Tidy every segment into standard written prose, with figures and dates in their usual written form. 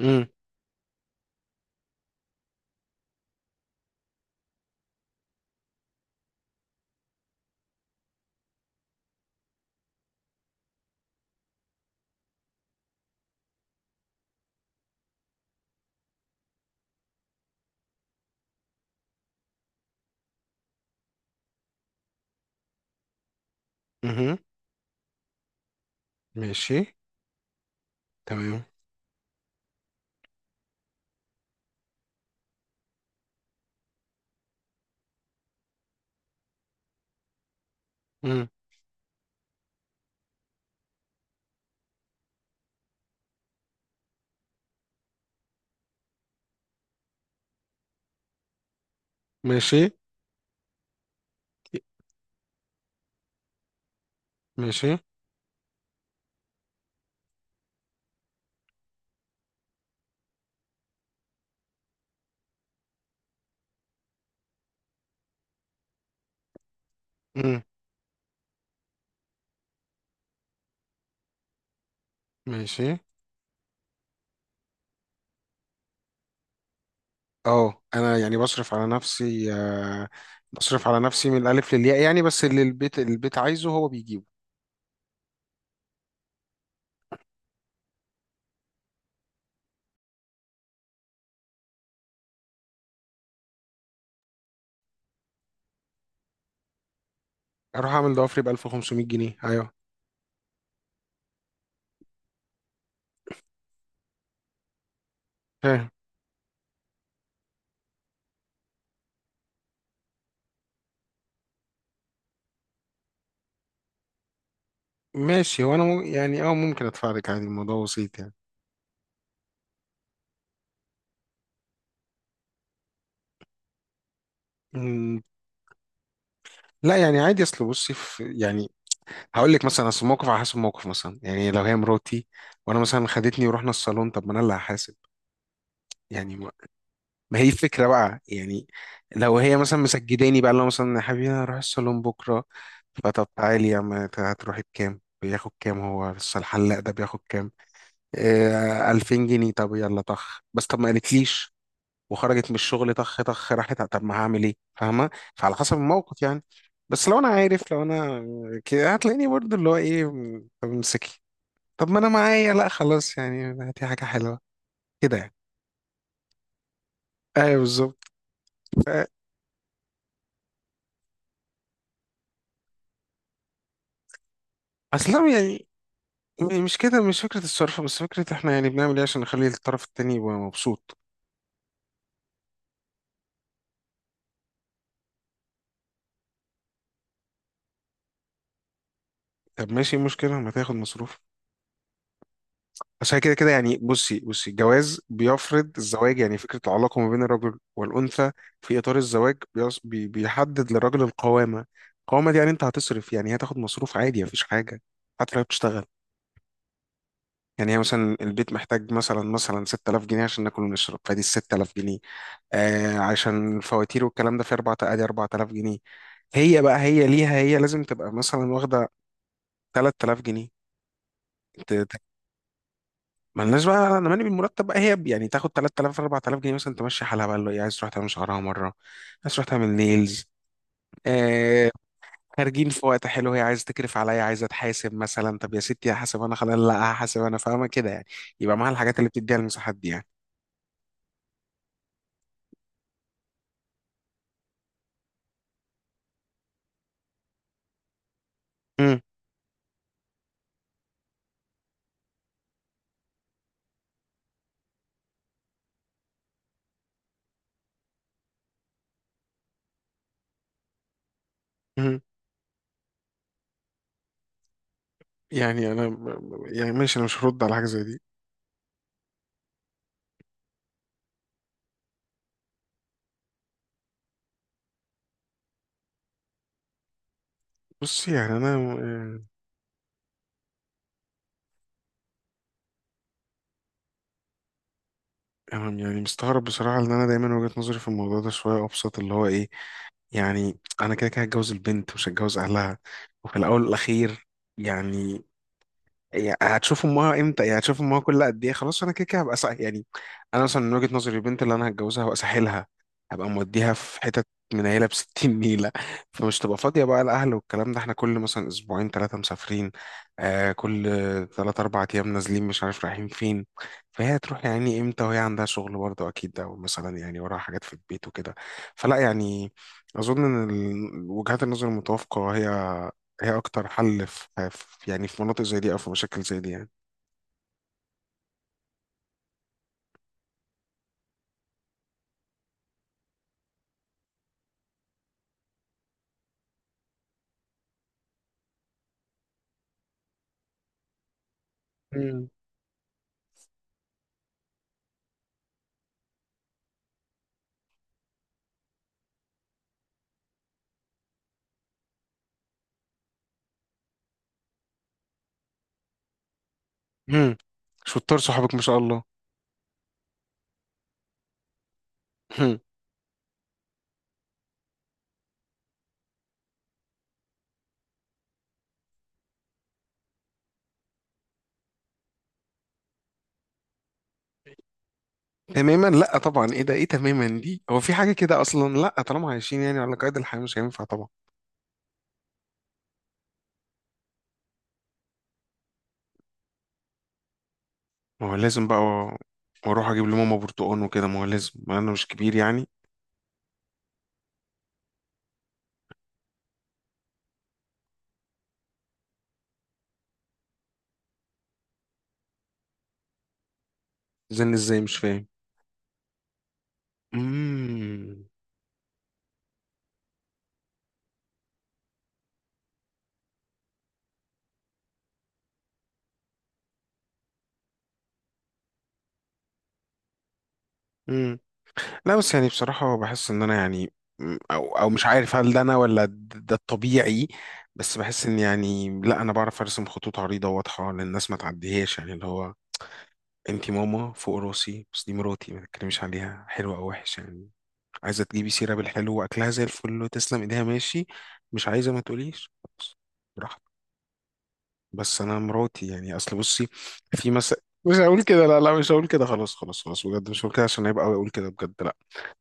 امم. امم. ماشي. تمام. امم. ماشي، ماشي. امم. ماشي. اه، انا يعني بصرف على نفسي آه، بصرف على نفسي من الالف للياء يعني، بس اللي البيت عايزه هو بيجيبه. اروح اعمل ضوافري ب 1500 جنيه. ايوه. فاهم. ماشي. هو انا يعني اه ممكن ادفع لك عادي، الموضوع بسيط يعني. مم، لا يعني عادي، اصل بصي يعني هقول لك مثلا، اصل الموقف على حسب الموقف، مثلا يعني لو هي مراتي وانا مثلا خدتني ورحنا الصالون، طب ما انا اللي هحاسب يعني. ما هي الفكرة بقى يعني. لو هي مثلا مسجداني بقى، لو مثلا يا حبيبي انا هروح الصالون بكرة، فطب تعالي يا عم، أنت هتروحي بكام؟ بياخد كام هو بس الحلاق ده؟ بياخد كام؟ آه 2000 جنيه؟ طب يلا طخ بس، طب ما قالتليش وخرجت من الشغل طخ طخ راحت، طب ما هعمل ايه فاهمة؟ فعلى حسب الموقف يعني. بس لو انا عارف، لو انا كده هتلاقيني برضه اللي هو ايه، طب امسكي، طب ما انا معايا، لا خلاص يعني، هاتي حاجة حلوة كده يعني. ايوه بالظبط. ف- اصلا يعني، مش كده، مش فكرة الصرف، بس فكرة احنا يعني بنعمل ايه عشان نخلي الطرف التاني يبقى مبسوط. طب ماشي، إيه المشكلة ما تاخد مصروف؟ بس هي كده كده يعني، بصي الجواز بيفرض الزواج، يعني فكرة العلاقة ما بين الرجل والأنثى في إطار الزواج بيحدد للراجل القوامة. القوامة دي يعني انت هتصرف، يعني هتاخد مصروف عادي، مفيش حاجة حتى لو بتشتغل. يعني هي مثلا البيت محتاج مثلا 6000 جنيه عشان ناكل ونشرب، فدي ال 6000 جنيه. آه عشان الفواتير والكلام ده في 4، ادي 4000 جنيه. هي بقى، هي ليها، هي لازم تبقى مثلا واخده 3000 جنيه. ت- ت- مالناش بقى، انا مالي بالمرتب بقى، هي يعني تاخد 3000 4000 جنيه مثلا تمشي حالها بقى، اللي هي عايز تروح تعمل شعرها مره، عايز تروح تعمل نيلز. آه. خارجين في وقت حلو، هي عايزه تكرف عليا، عايزه تحاسب مثلا، طب يا ستي هحاسب انا، خلاص، لا هحاسب انا، فاهمه كده يعني. يبقى معاها الحاجات اللي بتديها، المساحات دي يعني. مهم. يعني انا يعني ماشي، انا مش هرد على حاجه زي دي. بص يعني انا، انا يعني مستغرب بصراحه ان انا دايما وجهه نظري في الموضوع ده شويه ابسط، اللي هو ايه، يعني انا كده كده هتجوز البنت مش هتجوز اهلها، وفي الاول والاخير يعني. يعني هتشوفوا امها امتى؟ يعني هتشوفوا امها كل قد ايه؟ خلاص انا كده كده هبقى صح يعني. انا مثلا من وجهة نظري البنت اللي انا هتجوزها هبقى ساحلها، هبقى موديها في حتت منيله ب 60 نيله. فمش تبقى فاضيه بقى الاهل والكلام ده، احنا كل مثلا اسبوعين ثلاثه مسافرين، آه كل ثلاث اربع ايام نازلين مش عارف رايحين فين. فهي هتروح يعني امتى وهي عندها شغل برضه اكيد، ده مثلا يعني وراها حاجات في البيت وكده. فلا يعني، اظن ان وجهات النظر المتوافقه هي، هي اكتر حل يعني في مناطق زي دي او في مشاكل زي دي يعني. مم. هم. شطار صحابك ما شاء الله. هم. تماما، لا طبعا، ايه ده؟ ايه تماما دي؟ هو في حاجه كده اصلا؟ لا طالما عايشين يعني على قيد الحياه مش هينفع طبعا. ما هو لازم بقى، واروح اجيب لماما برتقان وكده، ما هو لازم، ما انا مش كبير يعني. زن ازاي؟ مش فاهم. امم. لا بس يعني بصراحة بحس ان انا يعني، او او مش عارف هل ده انا ولا ده الطبيعي. بس بحس ان يعني، لا انا بعرف ارسم خطوط عريضة واضحة للناس ما تعديهاش، يعني اللي هو انتي ماما فوق راسي، بس دي مراتي، ما تتكلميش عليها حلوة او وحش يعني. عايزة تجيبي سيرة بالحلو واكلها زي الفل وتسلم ايديها، ماشي. مش عايزة ما تقوليش، بس براحتك. بس انا مراتي يعني، اصل بصي، في مثل، مش هقول كده، لا لا مش هقول كده، خلاص خلاص خلاص بجد مش هقول كده عشان هيبقى اقول كده بجد، لا.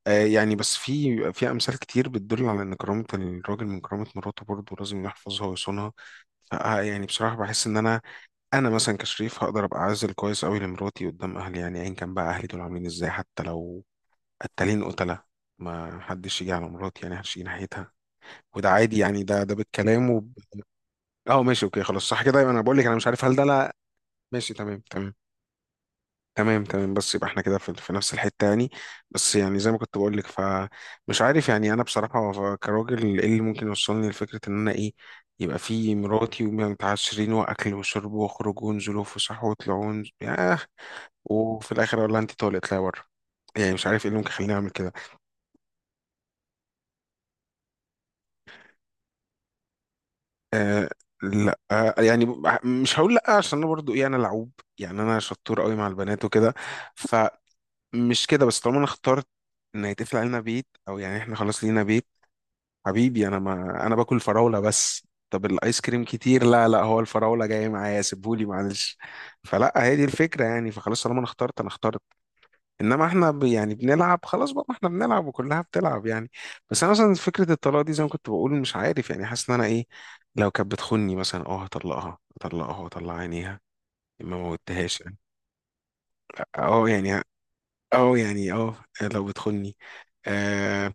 آه، يعني بس في امثال كتير بتدل على ان كرامه الراجل من كرامه مراته برضه لازم يحفظها ويصونها. آه، يعني بصراحه بحس ان انا، انا مثلا كشريف هقدر ابقى عازل كويس قوي لمراتي قدام اهلي، يعني ايا كان بقى اهلي دول عاملين ازاي، حتى لو قتالين قتله، ما حدش يجي على مراتي، يعني محدش يجي ناحيتها. وده عادي يعني، ده بالكلام وب... اه ماشي اوكي، خلاص صح كده، يبقى انا بقول لك انا مش عارف هل ده، لا، ماشي تمام تمام. تمام تمام، بس يبقى احنا كده في، في نفس الحتة يعني. بس يعني زي ما كنت بقول لك، فمش عارف يعني انا بصراحة، كراجل ايه اللي ممكن يوصلني لفكرة ان انا ايه، يبقى في مراتي ومتعشرين واكل وشرب واخرج ونزل وفسح وطلعوا ياه، وفي الاخر اقول لها انت طالق اطلعي بره. يعني مش عارف ايه اللي ممكن يخليني اعمل كده. آه. لا آه يعني مش هقول لا، عشان انا برضو ايه انا لعوب، يعني انا شطور قوي مع البنات وكده. فمش كده، بس طالما انا اخترت ان هيتقفل علينا بيت، او يعني احنا خلاص لينا بيت، حبيبي انا ما انا باكل فراوله بس، طب الايس كريم كتير، لا لا هو الفراوله جايه معايا سيبهولي معلش. فلا هي دي الفكره يعني، فخلاص طالما انا اخترت، انا اخترت. انما احنا ب... يعني بنلعب، خلاص بقى ما احنا بنلعب وكلها بتلعب يعني. بس انا مثلا فكره الطلاق دي زي ما كنت بقول، مش عارف يعني، حاسس ان انا ايه، لو كانت بتخوني مثلا اه هطلقها، هطلقها واطلع عينيها، ما موتهاش يعني. اه يعني اه يعني اه، لو بتخوني، آه،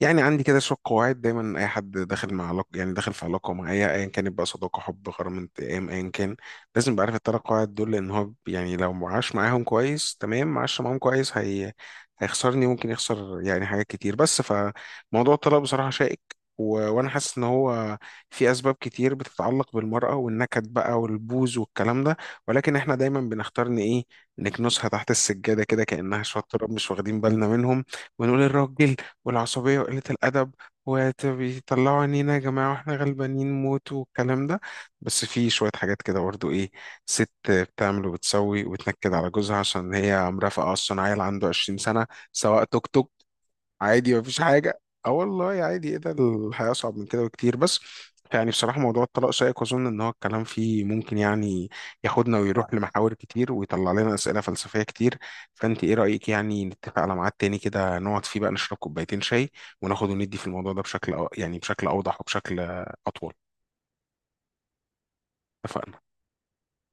يعني عندي كده شوية قواعد، دايما أي حد داخل مع علاقة، يعني داخل في علاقة معايا أيا كانت بقى، صداقة حب غرام انتقام أيا كان، لازم يبقى عارف التلات قواعد دول، لأن هو يعني لو ما عاش معاهم كويس، تمام، ما عاش معاهم كويس، هي هيخسرني، ممكن يخسر يعني حاجات كتير. بس فموضوع الطلاق بصراحة شائك، وأنا حاسس إن هو في أسباب كتير بتتعلق بالمرأة والنكد بقى والبوز والكلام ده، ولكن إحنا دايما بنختار إن إيه، نكنسها تحت السجادة كده كأنها شوية تراب مش واخدين بالنا منهم. ونقول الراجل والعصبية وقلة الأدب وبيطلعوا عينينا يا جماعة واحنا غلبانين موت والكلام ده. بس في شوية حاجات كده برضو إيه، ست بتعمل وبتسوي وتنكد على جوزها عشان هي مرافقة أصلا عيل عنده 20 سنة، سواق توك توك. عادي مفيش حاجة، اه والله عادي، ايه ده؟ الحياة أصعب من كده بكتير. بس يعني بصراحة موضوع الطلاق شائك، وأظن إن هو الكلام فيه ممكن يعني ياخدنا ويروح لمحاور كتير ويطلع لنا أسئلة فلسفية كتير. فأنت إيه رأيك يعني، نتفق على ميعاد تاني كده نقعد فيه بقى نشرب كوبايتين شاي، وناخد وندي في الموضوع ده بشكل يعني بشكل أوضح وبشكل أطول. اتفقنا.